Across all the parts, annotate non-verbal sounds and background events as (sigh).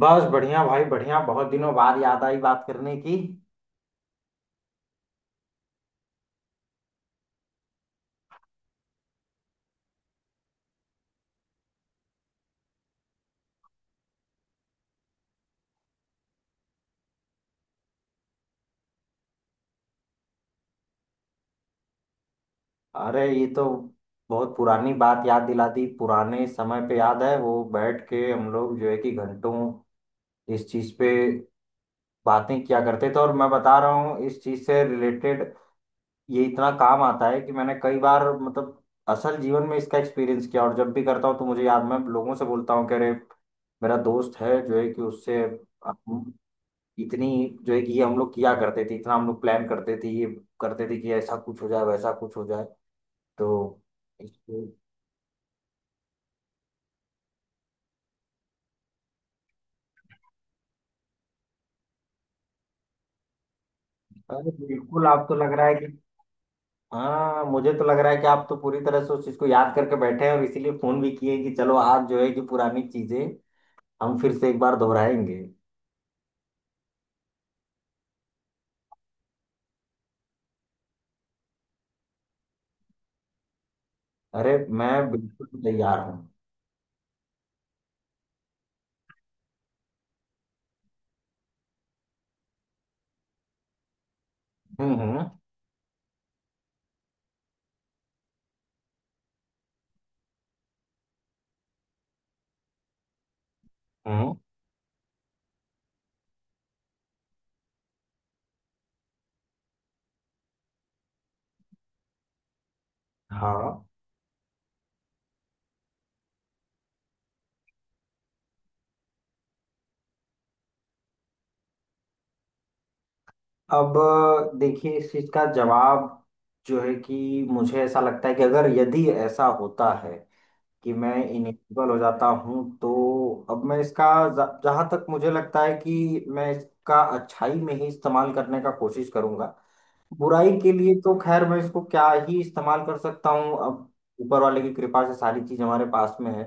बस बढ़िया भाई, बढ़िया। बहुत दिनों बाद याद आई बात करने की। अरे, ये तो बहुत पुरानी बात याद दिला दी। पुराने समय पे याद है वो बैठ के हम लोग जो है कि घंटों इस चीज पे बातें किया करते थे। और मैं बता रहा हूँ, इस चीज से रिलेटेड ये इतना काम आता है कि मैंने कई बार, मतलब असल जीवन में इसका एक्सपीरियंस किया। और जब भी करता हूँ तो मुझे याद, मैं लोगों से बोलता हूँ कि अरे, मेरा दोस्त है जो है कि उससे इतनी जो है कि ये हम लोग किया करते थे, इतना हम लोग प्लान करते थे, ये करते थे कि ऐसा कुछ हो जाए वैसा कुछ हो जाए। तो इसको- अरे बिल्कुल, आप तो लग रहा है कि, हाँ, मुझे तो लग रहा है कि आप तो पूरी तरह से उस चीज को याद करके बैठे हैं, और इसीलिए फोन भी किए कि चलो आज जो है कि पुरानी चीजें हम फिर से एक बार दोहराएंगे। अरे, मैं बिल्कुल तैयार हूँ। हम्म। हम्म। हम्म। हाँ। अब देखिए, इस चीज का जवाब जो है कि मुझे ऐसा लगता है कि अगर यदि ऐसा होता है कि मैं इनेबल हो जाता हूँ तो अब मैं इसका, जहां तक मुझे लगता है कि मैं इसका अच्छाई में ही इस्तेमाल करने का कोशिश करूंगा। बुराई के लिए तो खैर मैं इसको क्या ही इस्तेमाल कर सकता हूँ अब, ऊपर वाले की कृपा से सारी चीज हमारे पास में है।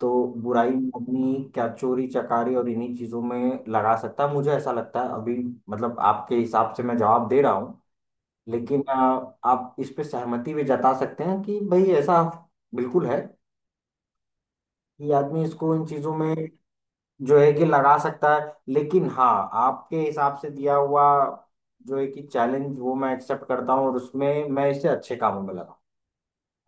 तो बुराई में अपनी क्या चोरी चकारी और इन्हीं चीजों में लगा सकता है, मुझे ऐसा लगता है अभी। मतलब आपके हिसाब से मैं जवाब दे रहा हूँ। लेकिन आप इस पे सहमति भी जता सकते हैं कि भाई ऐसा बिल्कुल है, ये आदमी इसको इन चीजों में जो है कि लगा सकता है। लेकिन हाँ, आपके हिसाब से दिया हुआ जो है कि चैलेंज, वो मैं एक्सेप्ट करता हूँ, और उसमें मैं इसे अच्छे कामों में लगा,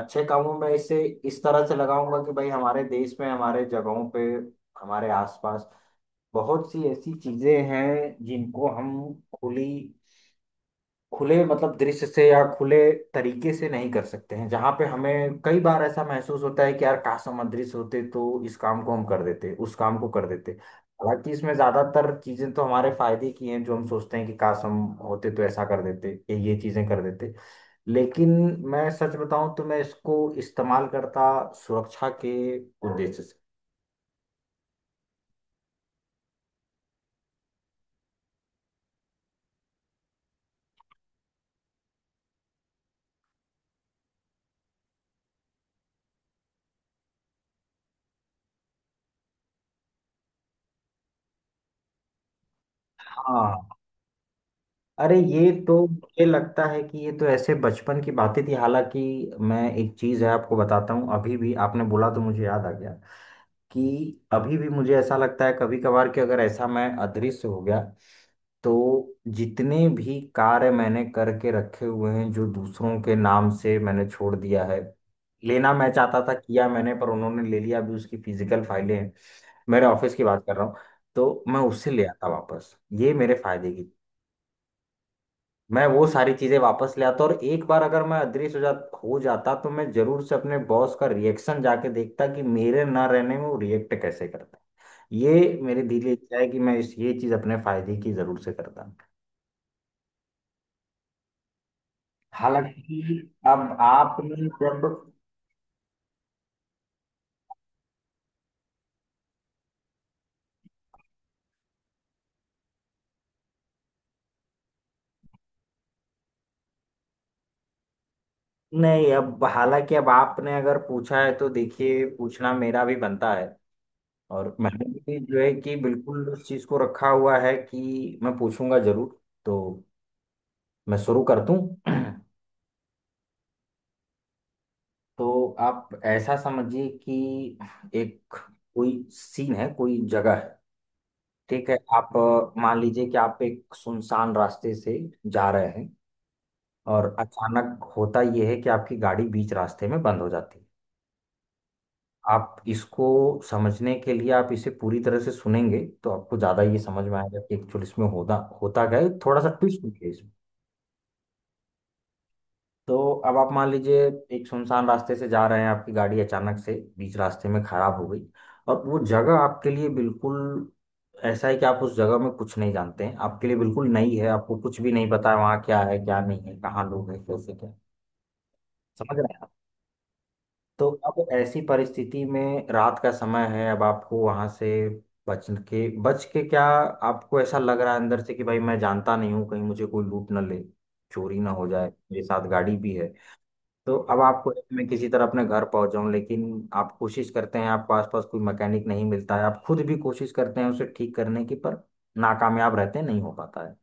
अच्छे कामों में इसे इस तरह से लगाऊंगा कि भाई हमारे देश में, हमारे जगहों पे, हमारे आसपास बहुत सी ऐसी चीजें हैं जिनको हम खुली, खुले मतलब दृश्य से या खुले तरीके से नहीं कर सकते हैं, जहां पे हमें कई बार ऐसा महसूस होता है कि यार काश हम अदृश्य होते तो इस काम को हम कर देते, उस काम को कर देते। हालांकि इसमें ज्यादातर चीजें तो हमारे फायदे की हैं जो हम सोचते हैं कि काश हम होते तो ऐसा कर देते, ये चीजें कर देते। लेकिन मैं सच बताऊं तो मैं इसको इस्तेमाल करता सुरक्षा के उद्देश्य से। हाँ। अरे, ये तो मुझे लगता है कि ये तो ऐसे बचपन की बातें थी। हालांकि मैं एक चीज है आपको बताता हूँ, अभी भी आपने बोला तो मुझे याद आ गया कि अभी भी मुझे ऐसा लगता है कभी कभार कि अगर ऐसा मैं अदृश्य हो गया, तो जितने भी कार्य मैंने करके रखे हुए हैं जो दूसरों के नाम से मैंने छोड़ दिया है, लेना मैं चाहता था, किया मैंने पर उन्होंने ले लिया, अभी उसकी फिजिकल फाइलें हैं, मेरे ऑफिस की बात कर रहा हूँ, तो मैं उससे ले आता वापस। ये मेरे फायदे की, मैं वो सारी चीजें वापस ले आता। और एक बार अगर मैं अदृश्य हो जाता तो मैं जरूर से अपने बॉस का रिएक्शन जाके देखता कि मेरे ना रहने में वो रिएक्ट कैसे करता है। ये मेरे दिल की इच्छा है कि मैं इस ये चीज अपने फायदे की जरूर से करता। हालांकि अब आपने जब, नहीं अब हालांकि अब आपने अगर पूछा है तो देखिए पूछना मेरा भी बनता है, और मैंने भी जो है कि बिल्कुल उस चीज को रखा हुआ है कि मैं पूछूंगा जरूर। तो मैं शुरू कर दूं। (clears throat) तो आप ऐसा समझिए कि एक कोई सीन है, कोई जगह है, ठीक है आप, मान लीजिए कि आप एक सुनसान रास्ते से जा रहे हैं, और अचानक होता यह है कि आपकी गाड़ी बीच रास्ते में बंद हो जाती है। आप इसको समझने के लिए आप इसे पूरी तरह से सुनेंगे तो आपको ज़्यादा ये समझ में आएगा कि एक्चुअली इसमें होता होता क्या है, थोड़ा सा ट्विस्ट भी है। तो अब आप मान लीजिए, एक सुनसान रास्ते से जा रहे हैं, आपकी गाड़ी अचानक से बीच रास्ते में खराब हो गई, और वो जगह आपके लिए बिल्कुल ऐसा है कि आप उस जगह में कुछ नहीं जानते हैं, आपके लिए बिल्कुल नई है, आपको कुछ भी नहीं पता है वहाँ क्या है क्या नहीं है, कहाँ लोग हैं, कैसे क्या, समझ रहे हैं आप। तो अब ऐसी परिस्थिति में रात का समय है, अब आपको वहाँ से बच के, बच के क्या, आपको ऐसा लग रहा है अंदर से कि भाई मैं जानता नहीं हूँ, कहीं मुझे कोई लूट ना ले, चोरी ना हो जाए, मेरे साथ गाड़ी भी है। तो अब आपको है कि मैं किसी तरह अपने घर पहुंच जाऊं, लेकिन आप कोशिश करते हैं आपको आसपास कोई मैकेनिक नहीं मिलता है, आप खुद भी कोशिश करते हैं उसे ठीक करने की पर नाकामयाब रहते हैं, नहीं हो पाता है।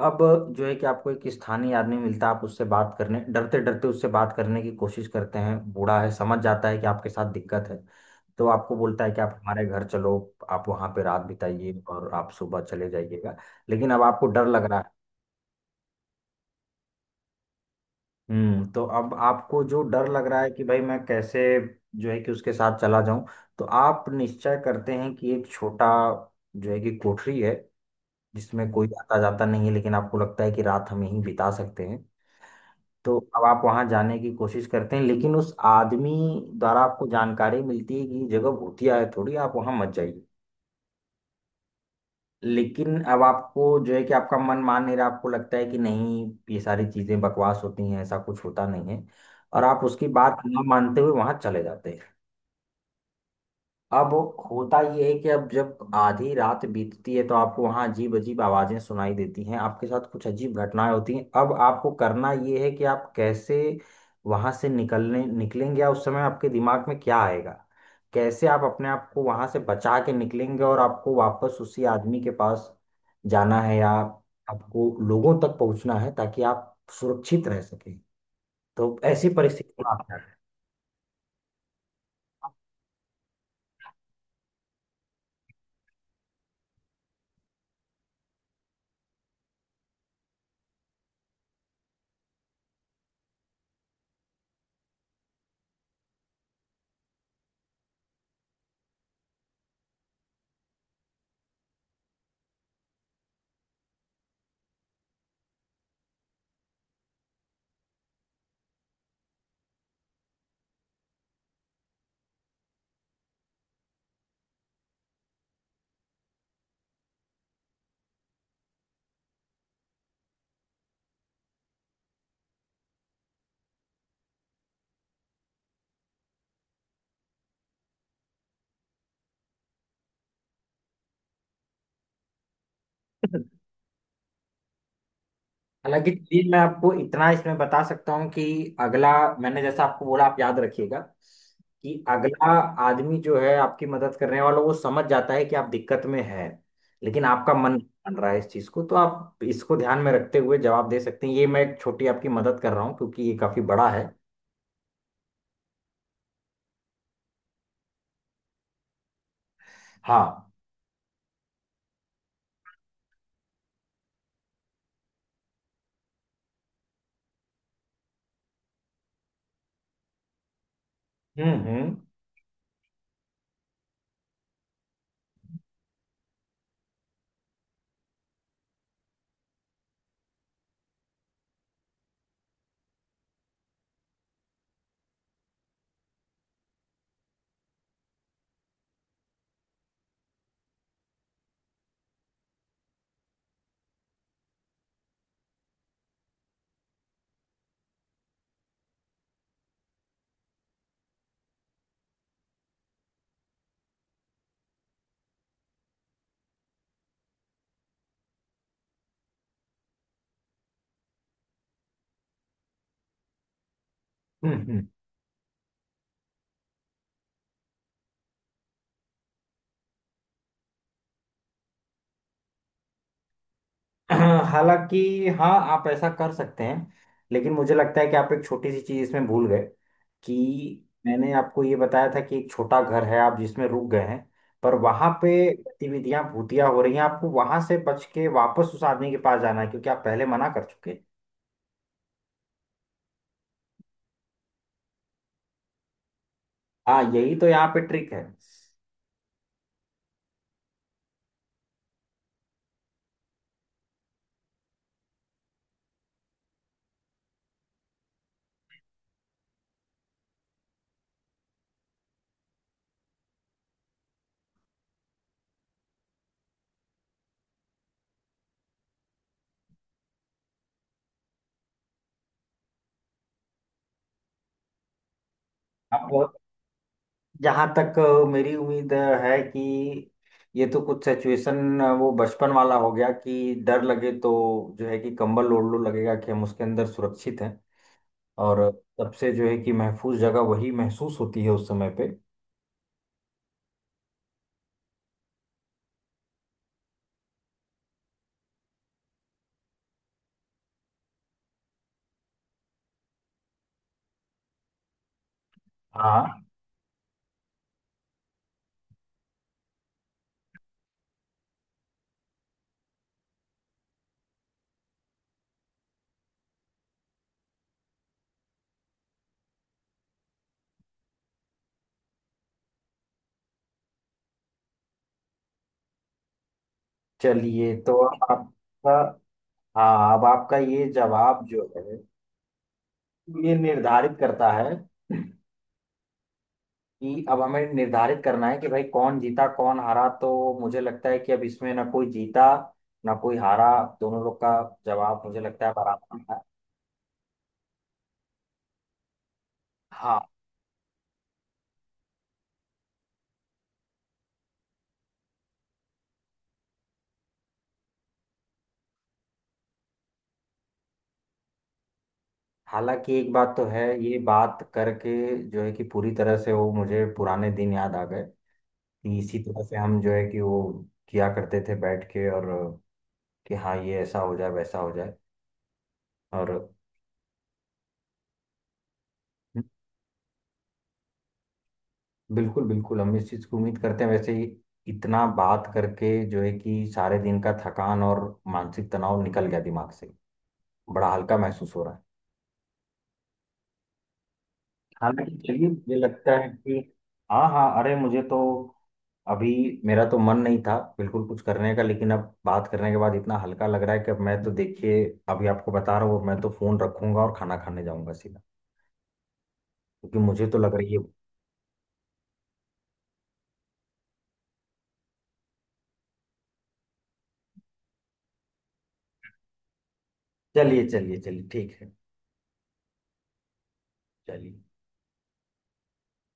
अब जो है कि आपको एक स्थानीय आदमी मिलता है, आप उससे बात करने, डरते डरते उससे बात करने की कोशिश करते हैं, बूढ़ा है समझ जाता है कि आपके साथ दिक्कत है, तो आपको बोलता है कि आप हमारे घर चलो, आप वहाँ पे रात बिताइए और आप सुबह चले जाइएगा। लेकिन अब आपको डर लग रहा है। हम्म। तो अब आपको जो डर लग रहा है कि भाई मैं कैसे जो है कि उसके साथ चला जाऊं, तो आप निश्चय करते हैं कि एक छोटा जो है कि कोठरी है, जिसमें कोई आता जाता नहीं है, लेकिन आपको लगता है कि रात हम यहीं बिता सकते हैं। तो अब आप वहां जाने की कोशिश करते हैं लेकिन उस आदमी द्वारा आपको जानकारी मिलती है कि ये जगह भूतिया है थोड़ी, आप वहां मत जाइए। लेकिन अब आपको जो है कि आपका मन मान नहीं रहा, आपको लगता है कि नहीं ये सारी चीजें बकवास होती हैं, ऐसा कुछ होता नहीं है, और आप उसकी बात ना मानते हुए वहां चले जाते हैं। अब होता ये है कि अब जब आधी रात बीतती है तो आपको वहां अजीब अजीब आवाजें सुनाई देती हैं, आपके साथ कुछ अजीब घटनाएं होती हैं। अब आपको करना ये है कि आप कैसे वहां से निकलने निकलेंगे, या उस समय आपके दिमाग में क्या आएगा, कैसे आप अपने आप को वहां से बचा के निकलेंगे, और आपको वापस उसी आदमी के पास जाना है, या आपको लोगों तक पहुंचना है ताकि आप सुरक्षित रह सकें। तो ऐसी परिस्थिति में आप क्या करें? हालांकि चलिए, मैं आपको इतना इसमें बता सकता हूँ कि अगला मैंने जैसा आपको बोला, आप याद रखिएगा कि अगला आदमी जो है आपकी मदद करने वाला, वो समझ जाता है कि आप दिक्कत में है, लेकिन आपका मन नहीं मान रहा है इस चीज को, तो आप इसको ध्यान में रखते हुए जवाब दे सकते हैं। ये मैं एक छोटी आपकी मदद कर रहा हूँ, क्योंकि ये काफी बड़ा है। हाँ। हम्म। हम्म। (clears throat) हालांकि हाँ, आप ऐसा कर सकते हैं, लेकिन मुझे लगता है कि आप एक छोटी सी चीज़ इसमें भूल गए, कि मैंने आपको ये बताया था कि एक छोटा घर है आप जिसमें रुक गए हैं, पर वहां पे गतिविधियां भूतिया हो रही हैं, आपको वहां से बच के वापस उस आदमी के पास जाना है, क्योंकि आप पहले मना कर चुके हैं। हाँ, यही तो यहाँ पे ट्रिक है। आप, जहाँ तक मेरी उम्मीद है कि ये तो कुछ सिचुएशन वो बचपन वाला हो गया कि डर लगे तो जो है कि कंबल ओढ़ लो, लगेगा कि हम उसके अंदर सुरक्षित हैं। और सबसे जो है कि महफूज जगह वही महसूस होती है उस समय पे। हाँ। चलिए तो अब आपका, हाँ अब आपका ये जवाब जो है, ये निर्धारित करता है कि अब हमें निर्धारित करना है कि भाई कौन जीता कौन हारा। तो मुझे लगता है कि अब इसमें ना कोई जीता, ना कोई हारा, दोनों लोग का जवाब मुझे लगता है बराबर है। हाँ। हालांकि एक बात तो है, ये बात करके जो है कि पूरी तरह से वो मुझे पुराने दिन याद आ गए, कि इसी तरह से हम जो है कि वो किया करते थे बैठ के, और कि हाँ ये ऐसा हो जाए वैसा हो जाए, और बिल्कुल बिल्कुल। हम इस चीज़ की उम्मीद करते हैं वैसे ही। इतना बात करके जो है कि सारे दिन का थकान और मानसिक तनाव निकल गया दिमाग से, बड़ा हल्का महसूस हो रहा है। हालांकि चलिए, मुझे लगता है कि, हाँ हाँ, अरे मुझे तो अभी, मेरा तो मन नहीं था बिल्कुल कुछ करने का, लेकिन अब बात करने के बाद इतना हल्का लग रहा है कि अब मैं तो देखिए, अभी आपको बता रहा हूँ मैं तो फोन रखूंगा और खाना खाने जाऊंगा सीधा, क्योंकि मुझे तो लग रही है। चलिए चलिए चलिए, ठीक है। चलिए।